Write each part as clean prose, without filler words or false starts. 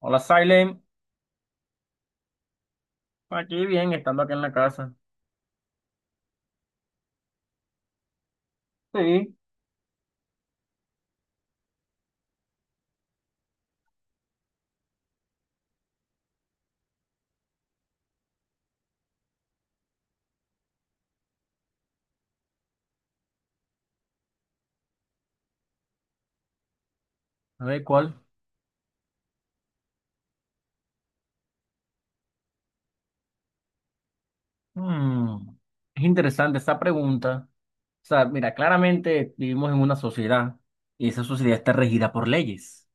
Hola, Silent. Aquí bien, estando acá en la casa. Sí. A ver, ¿cuál? Mm, es interesante esa pregunta. O sea, mira, claramente vivimos en una sociedad y esa sociedad está regida por leyes.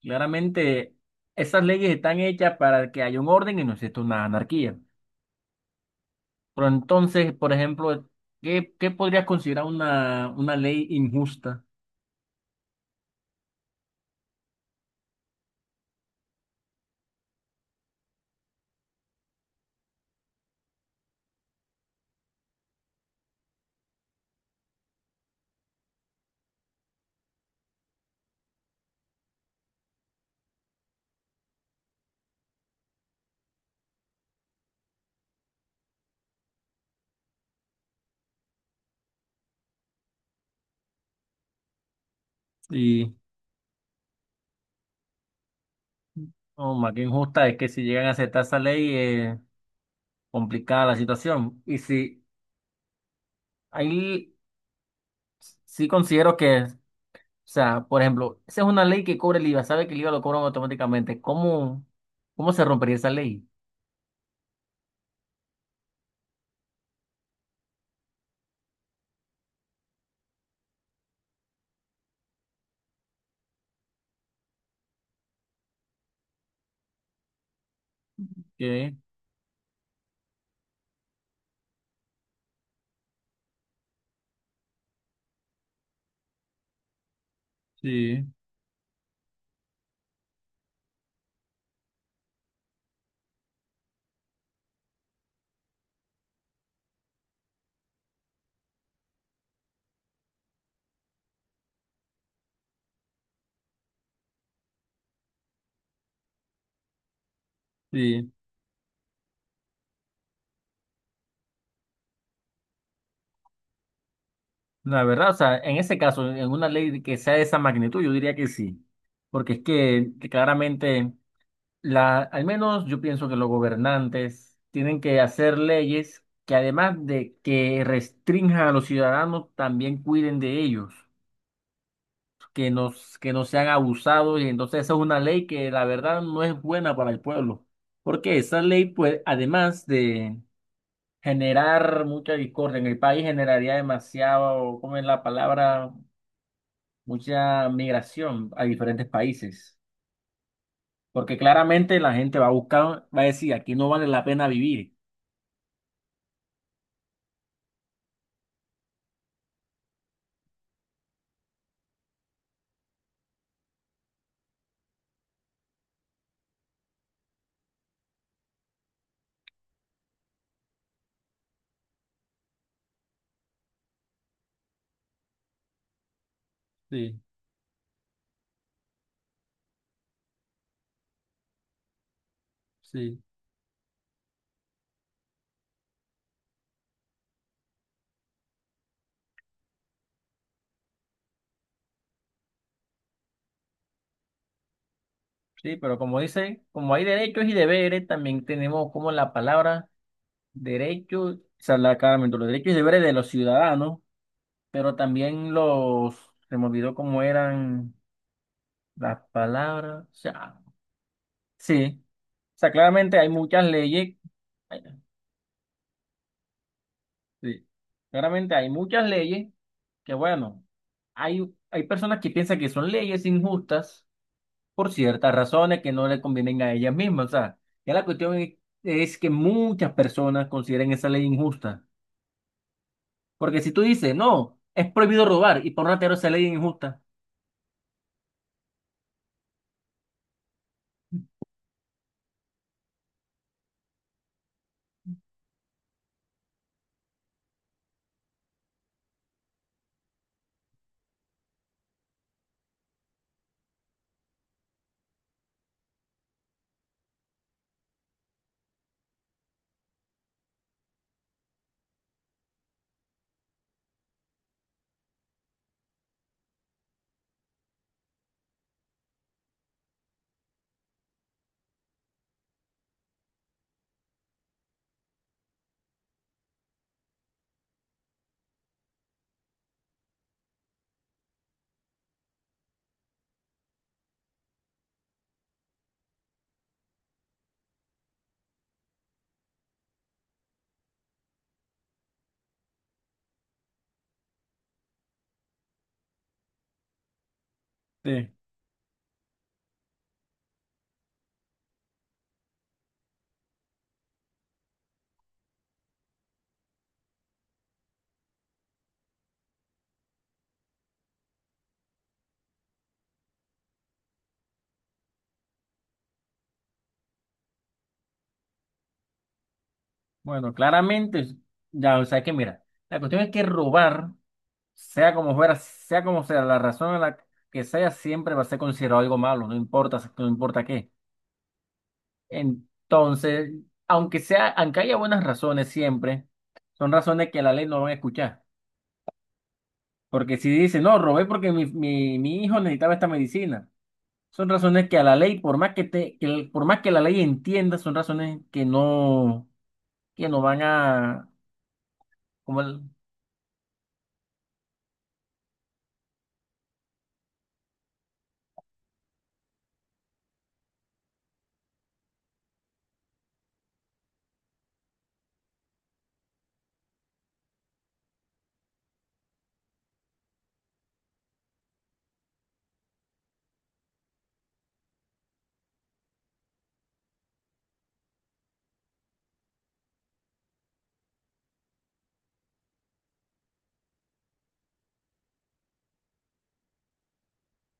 Claramente esas leyes están hechas para que haya un orden y no exista una anarquía. Pero entonces, por ejemplo, ¿qué podrías considerar una ley injusta? Y, oh, más que injusta es que si llegan a aceptar esa ley, es complicada la situación. Y si hay sí considero que, o sea, por ejemplo, esa es una ley que cobra el IVA, sabe que el IVA lo cobran automáticamente. ¿Cómo se rompería esa ley? Ok, sí, sí. La verdad, o sea, en ese caso, en una ley que sea de esa magnitud, yo diría que sí, porque es que claramente, la, al menos yo pienso que los gobernantes tienen que hacer leyes que además de que restrinjan a los ciudadanos, también cuiden de ellos. Que nos, que no sean abusados y entonces esa es una ley que la verdad no es buena para el pueblo, porque esa ley pues además de generar mucha discordia en el país generaría demasiado, ¿cómo es la palabra? Mucha migración a diferentes países, porque claramente la gente va a buscar, va a decir, aquí no vale la pena vivir. Sí, sí. Sí, pero como dice, como hay derechos y deberes, también tenemos como la palabra derechos, o sea, claramente los derechos y deberes de los ciudadanos. Pero también los, se me olvidó cómo eran las palabras. O sea, sí. O sea, claramente hay muchas leyes. Ay, sí. Claramente hay muchas leyes que, bueno, hay personas que piensan que son leyes injustas por ciertas razones que no le convienen a ellas mismas. O sea, ya la cuestión es que muchas personas consideren esa ley injusta. Porque si tú dices, no, es prohibido robar y por una esa ley es injusta. Sí. Bueno, claramente, ya, o sea que mira, la cuestión es que robar, sea como fuera, sea como sea, la razón en la que sea, siempre va a ser considerado algo malo, no importa, no importa qué. Entonces, aunque sea, aunque haya buenas razones siempre, son razones que la ley no van a escuchar. Porque si dice, no, robé porque mi hijo necesitaba esta medicina, son razones que a la ley, por más que te, por más que la ley entienda, son razones que no van a, como el-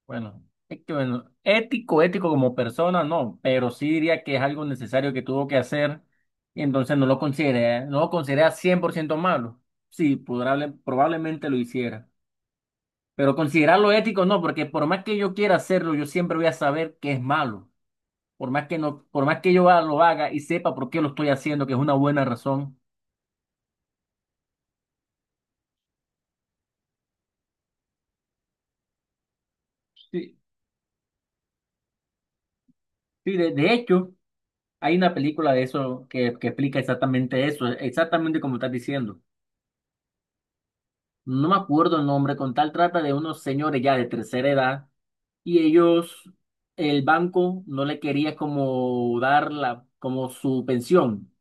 bueno, es que bueno, ético, ético como persona, no, pero sí diría que es algo necesario que tuvo que hacer y entonces no lo consideré, no lo consideré cien por ciento malo. Sí, probablemente lo hiciera, pero considerarlo ético no, porque por más que yo quiera hacerlo, yo siempre voy a saber que es malo. Por más que no, por más que lo haga y sepa por qué lo estoy haciendo, que es una buena razón. Sí, sí, de hecho, hay una película de eso que explica exactamente eso, exactamente como estás diciendo. No me acuerdo el nombre, con tal trata de unos señores ya de tercera edad y ellos, el banco no le quería como dar la, como su pensión.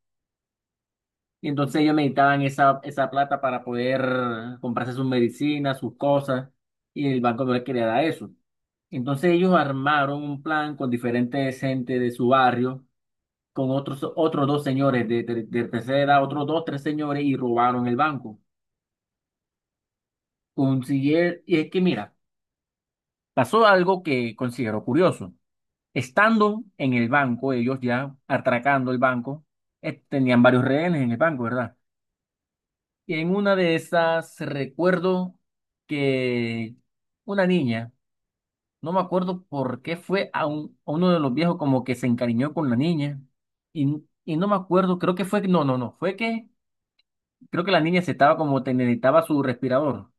Y entonces ellos necesitaban esa plata para poder comprarse sus medicinas, sus cosas, y el banco no le quería dar eso. Entonces ellos armaron un plan con diferentes gente de su barrio, con otros, otros dos señores de tercera edad, otros dos, tres señores, y robaron el banco. Consiguieron, y es que mira, pasó algo que considero curioso. Estando en el banco, ellos ya atracando el banco, tenían varios rehenes en el banco, ¿verdad? Y en una de esas recuerdo que una niña, no me acuerdo por qué fue a, a uno de los viejos como que se encariñó con la niña y no me acuerdo, creo que fue, no, no, no, fue que creo que la niña se estaba como te necesitaba su respirador.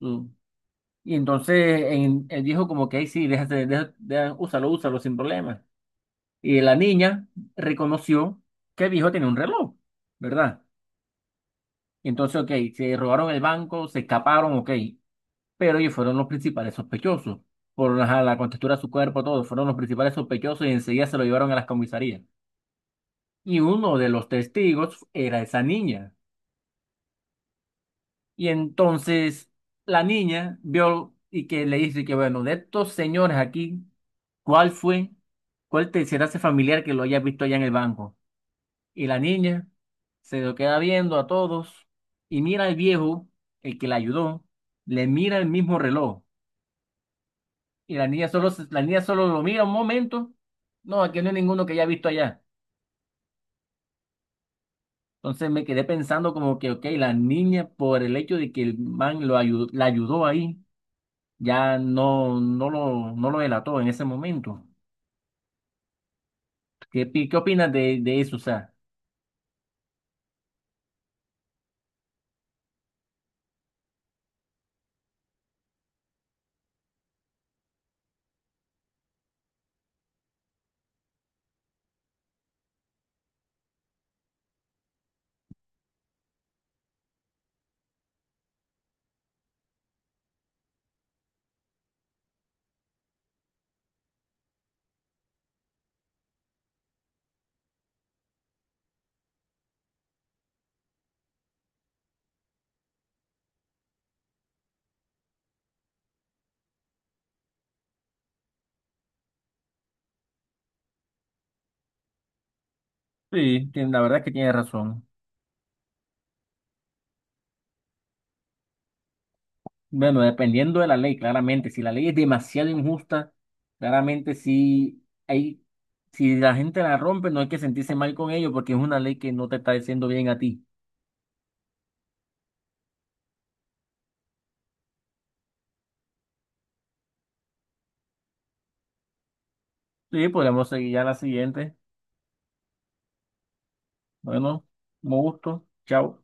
su- y entonces el viejo como que ahí sí, déjate, úsalo, úsalo sin problema. Y la niña reconoció que el viejo tenía un reloj, ¿verdad? Entonces, ok, se robaron el banco, se escaparon, ok, pero ellos fueron los principales sospechosos. Por ajá, la contextura de su cuerpo, todo, fueron los principales sospechosos y enseguida se lo llevaron a las comisarías. Y uno de los testigos era esa niña. Y entonces la niña vio y que le dice que, bueno, de estos señores aquí, ¿cuál fue? ¿Cuál te será ese familiar que lo haya visto allá en el banco? Y la niña se lo queda viendo a todos y mira al viejo, el que la ayudó, le mira el mismo reloj. Y la niña solo, la niña solo lo mira un momento. No, aquí no hay ninguno que haya visto allá. Entonces me quedé pensando como que, ok, la niña por el hecho de que el man lo ayudó, la ayudó ahí, ya no, no lo delató en ese momento. ¿Qué opinas de eso? O sea, sí, la verdad es que tienes razón. Bueno, dependiendo de la ley, claramente, si la ley es demasiado injusta, claramente sí hay, si la gente la rompe, no hay que sentirse mal con ello porque es una ley que no te está diciendo bien a ti. Sí, podemos seguir ya la siguiente. Bueno, con gusto. Chao.